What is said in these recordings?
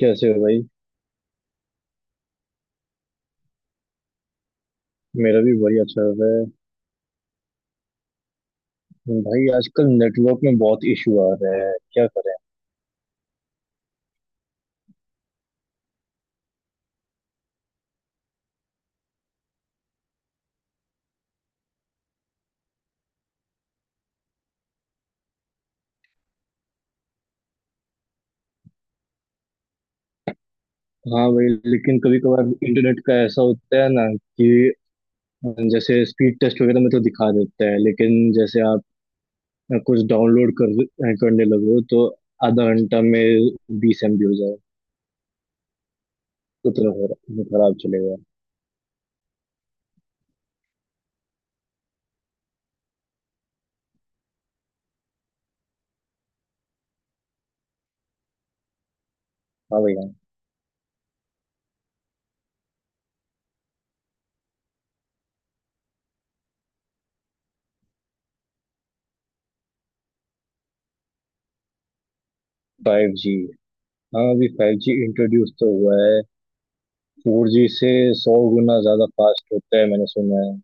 कैसे हो भाई? मेरा भी बढ़िया चल रहा है। भाई आजकल नेटवर्क में बहुत इशू आ रहा है, क्या करें? हाँ भाई। लेकिन कभी कभार इंटरनेट का ऐसा होता है ना कि जैसे स्पीड टेस्ट वगैरह में तो दिखा देता है, लेकिन जैसे आप कुछ डाउनलोड कर करने लगो तो आधा घंटा में 20 एमबी हो जाए। उतना खराब चलेगा। हाँ भाई, हाँ। Five G? हाँ अभी फाइव जी इंट्रोड्यूस तो हुआ है। फोर जी से 100 गुना ज्यादा फास्ट होता है, मैंने सुना है।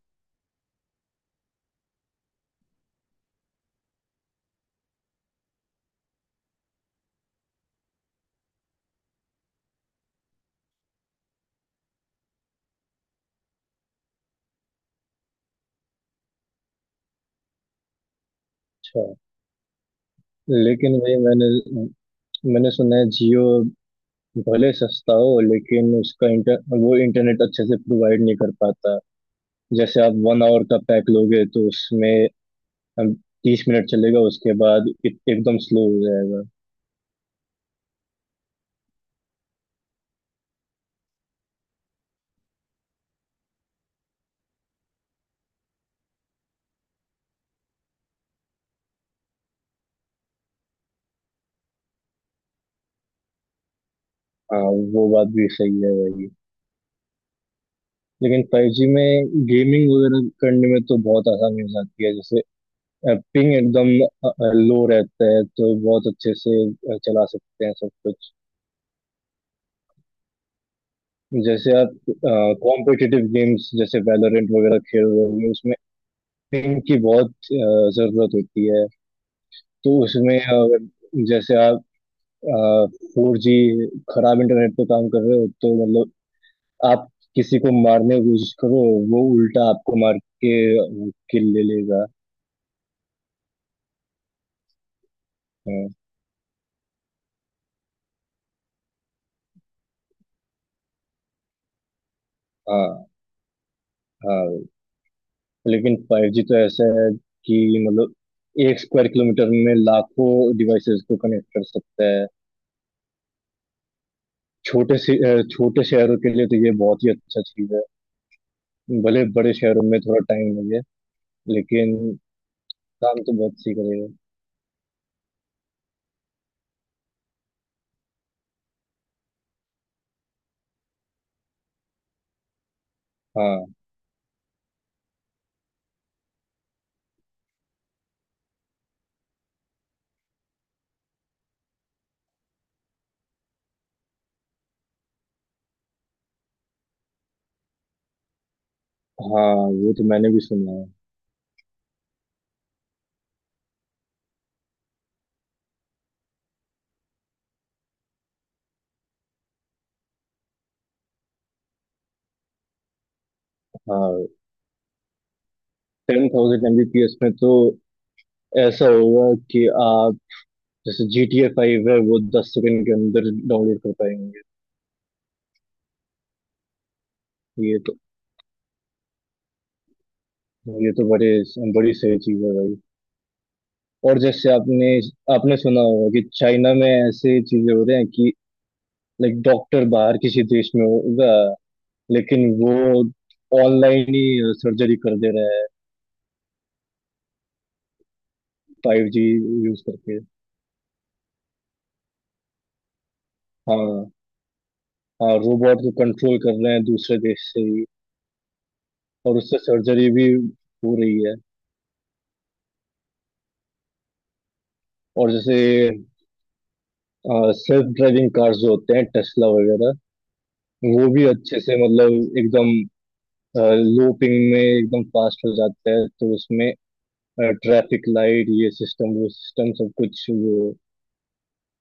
अच्छा। लेकिन भाई मैंने मैंने सुना है जियो भले सस्ता हो लेकिन उसका इंटरनेट अच्छे से प्रोवाइड नहीं कर पाता। जैसे आप 1 आवर का पैक लोगे तो उसमें 30 मिनट चलेगा, उसके बाद एकदम स्लो हो जाएगा। हाँ, वो बात भी सही है भाई। लेकिन फाइव जी में गेमिंग वगैरह करने में तो बहुत आसानी हो जाती है, जैसे पिंग एकदम लो रहता है तो बहुत अच्छे से चला सकते हैं सब कुछ। जैसे आप कॉम्पिटिटिव गेम्स जैसे वैलोरेंट वगैरह खेल रहे होंगे, उसमें पिंग की बहुत जरूरत होती है। तो उसमें अगर जैसे आप फोर जी खराब इंटरनेट पे काम कर रहे हो तो मतलब आप किसी को मारने की कोशिश करो, वो उल्टा आपको मार के किल ले लेगा। हाँ, हाँ, हाँ। लेकिन फाइव जी तो ऐसा है कि मतलब एक स्क्वायर किलोमीटर में लाखों डिवाइसेस को कनेक्ट कर सकता है। छोटे से छोटे शहरों के लिए तो ये बहुत ही अच्छा चीज है। भले बड़े शहरों में थोड़ा टाइम लगे, लेकिन काम तो बहुत सी करेगा। हाँ, हाँ, वो तो मैंने भी सुना है। हाँ, 10,000 एमबीपीएस में तो ऐसा होगा कि आप जैसे GTA 5 है वो 10 सेकंड के अंदर डाउनलोड कर पाएंगे। ये तो ये तो बड़े बड़ी सही चीज है भाई। और जैसे आपने आपने सुना होगा कि चाइना में ऐसे चीजें हो रहे हैं कि लाइक डॉक्टर बाहर किसी देश में होगा, लेकिन वो ऑनलाइन ही सर्जरी कर दे रहा है, फाइव जी यूज करके। हाँ, हाँ, रोबोट को कंट्रोल कर रहे हैं दूसरे देश से ही। और उससे सर्जरी भी हो रही है। और जैसे सेल्फ ड्राइविंग कार्स जो होते हैं, टेस्ला वगैरह, वो भी अच्छे से मतलब एकदम लो पिंग में एकदम फास्ट हो जाता है, तो उसमें ट्रैफिक लाइट, ये सिस्टम वो सिस्टम, सब कुछ वो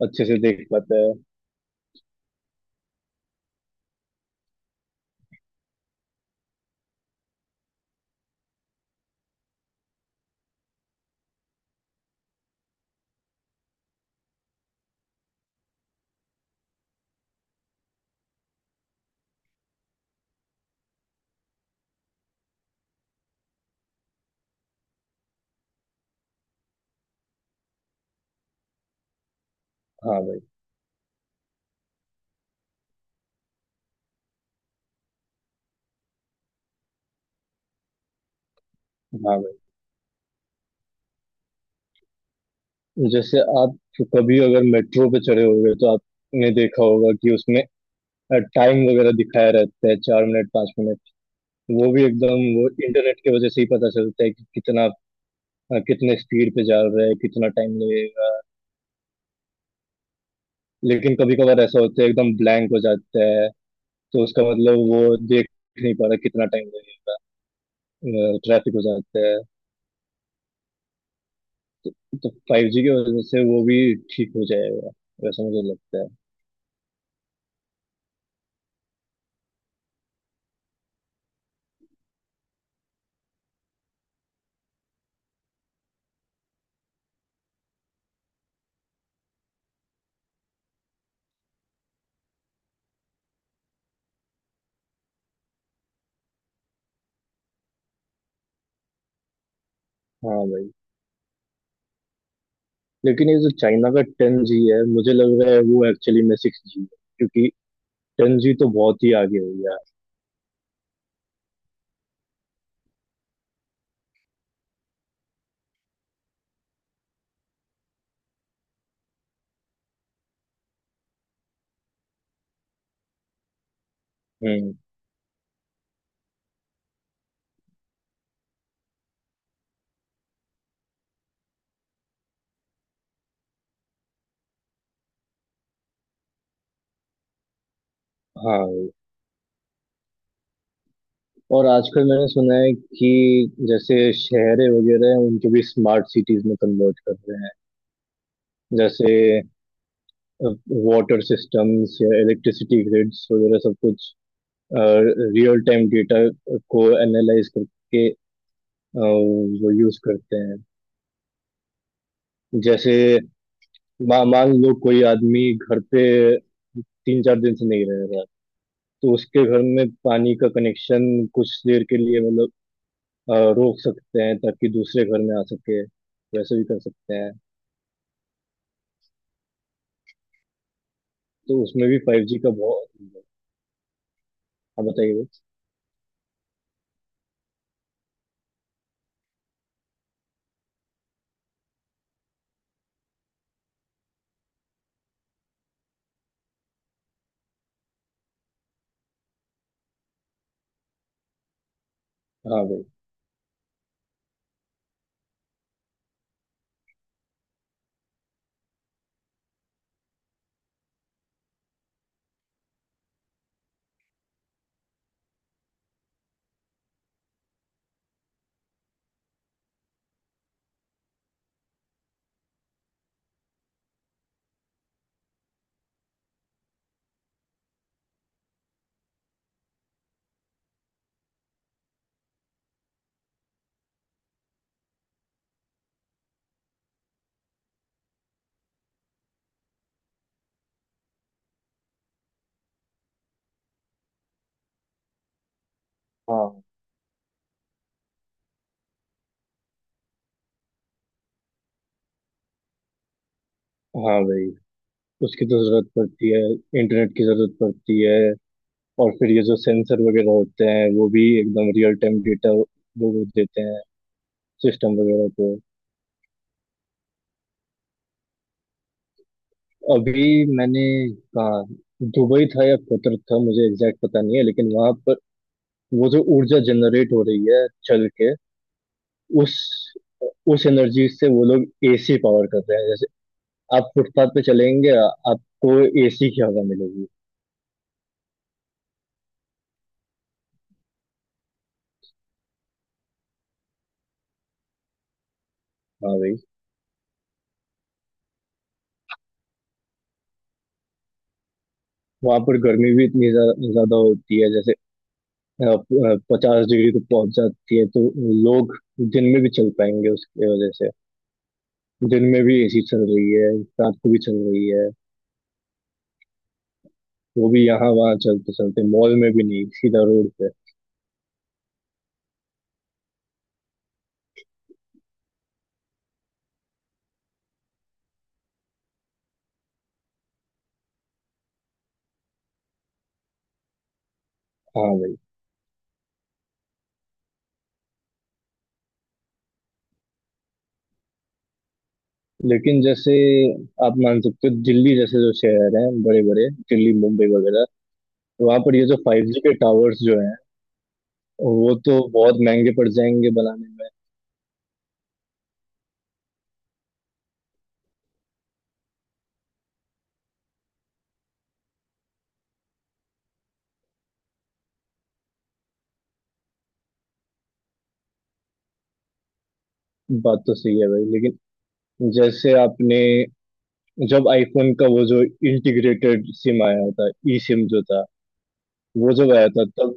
अच्छे से देख पाता है। हाँ भाई, हाँ भाई। जैसे आप कभी अगर मेट्रो पे चढ़े होंगे तो आपने देखा होगा कि उसमें टाइम वगैरह दिखाया रहता है, 4 मिनट 5 मिनट। वो भी एकदम, वो इंटरनेट की वजह से ही पता चलता है कि कितने स्पीड पे जा रहा है, कितना टाइम लगेगा। लेकिन कभी कभार ऐसा होता है एकदम ब्लैंक हो जाता है, तो उसका मतलब वो देख नहीं पा रहा कितना टाइम लगेगा। ट्रैफिक हो जाता है। तो फाइव जी की वजह से वो भी ठीक हो जाएगा, वैसा मुझे लगता है। हाँ भाई। लेकिन ये जो चाइना का टेन जी है, मुझे लग रहा है वो एक्चुअली में सिक्स जी है, क्योंकि टेन जी तो बहुत ही आगे हो गया है। हम्म। हाँ। और आजकल मैंने सुना है कि जैसे शहरें वगैरह हैं उनको भी स्मार्ट सिटीज में कन्वर्ट कर रहे हैं। जैसे वाटर सिस्टम्स या इलेक्ट्रिसिटी ग्रिड्स वगैरह, सब कुछ रियल टाइम डेटा को एनालाइज करके वो यूज करते हैं। जैसे मान लो कोई आदमी घर पे 3-4 दिन से नहीं रह रहा है, तो उसके घर में पानी का कनेक्शन कुछ देर के लिए मतलब रोक सकते हैं, ताकि दूसरे घर में आ सके। वैसे भी कर सकते हैं। तो उसमें भी फाइव जी का बहुत। हाँ बताइए भाई। हाँ भाई, हाँ, हाँ भाई। उसकी तो जरूरत पड़ती है, इंटरनेट की जरूरत पड़ती है। और फिर ये जो सेंसर वगैरह होते हैं वो भी एकदम रियल टाइम डेटा, वो देते हैं सिस्टम वगैरह को। अभी मैंने कहा दुबई था या कतर था, मुझे एग्जैक्ट पता नहीं है, लेकिन वहां पर वो जो ऊर्जा जनरेट हो रही है चल के, उस उस एनर्जी से वो लोग एसी पावर कर रहे हैं। जैसे आप फुटपाथ पे चलेंगे आपको एसी की हवा मिलेगी। हाँ भाई। वहां पर गर्मी भी इतनी ज्यादा होती है, जैसे 50 डिग्री तक पहुंच जाती है, तो लोग दिन में भी चल पाएंगे उसकी वजह से। दिन में भी एसी चल रही है, रात को भी चल रही है। वो भी यहाँ वहाँ चलते चलते, मॉल में भी नहीं, सीधा रोड पे। हाँ भाई। लेकिन जैसे आप मान सकते हो दिल्ली जैसे जो शहर हैं, बड़े बड़े दिल्ली मुंबई वगैरह, वहां पर ये जो फाइव जी के टावर्स जो हैं, वो तो बहुत महंगे पड़ जाएंगे बनाने में। बात तो सही है भाई, लेकिन जैसे आपने जब आईफोन का वो जो इंटीग्रेटेड सिम आया था, ई सिम जो था, वो जब आया था, तब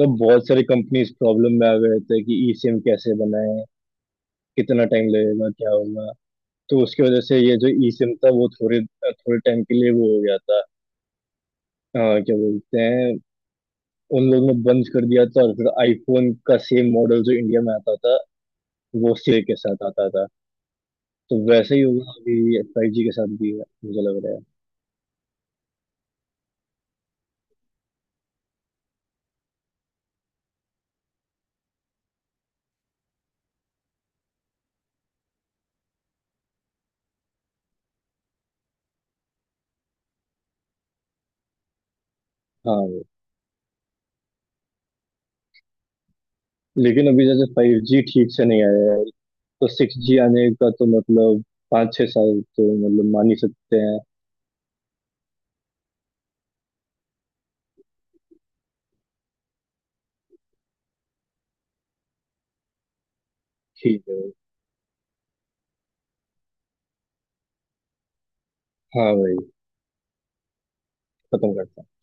तब बहुत सारी कंपनीज प्रॉब्लम में आ गए थे कि ई सिम कैसे बनाएं, कितना टाइम लगेगा, क्या होगा। तो उसकी वजह से ये जो ई सिम था वो थोड़े थोड़े टाइम के लिए वो हो गया था। क्या बोलते हैं, उन लोगों ने बंद कर दिया था। और फिर आईफोन का सेम मॉडल जो इंडिया में आता था वो सेल के साथ आता था। तो वैसे ही होगा अभी, फाइव जी के साथ भी है, मुझे लग रहा है। हाँ। वो, लेकिन अभी जैसे फाइव जी ठीक से नहीं आया है, तो सिक्स जी आने का तो मतलब 5-6 साल तो मतलब मान ही सकते हैं। ठीक है भाई। हाँ भाई। खत्म करते हैं।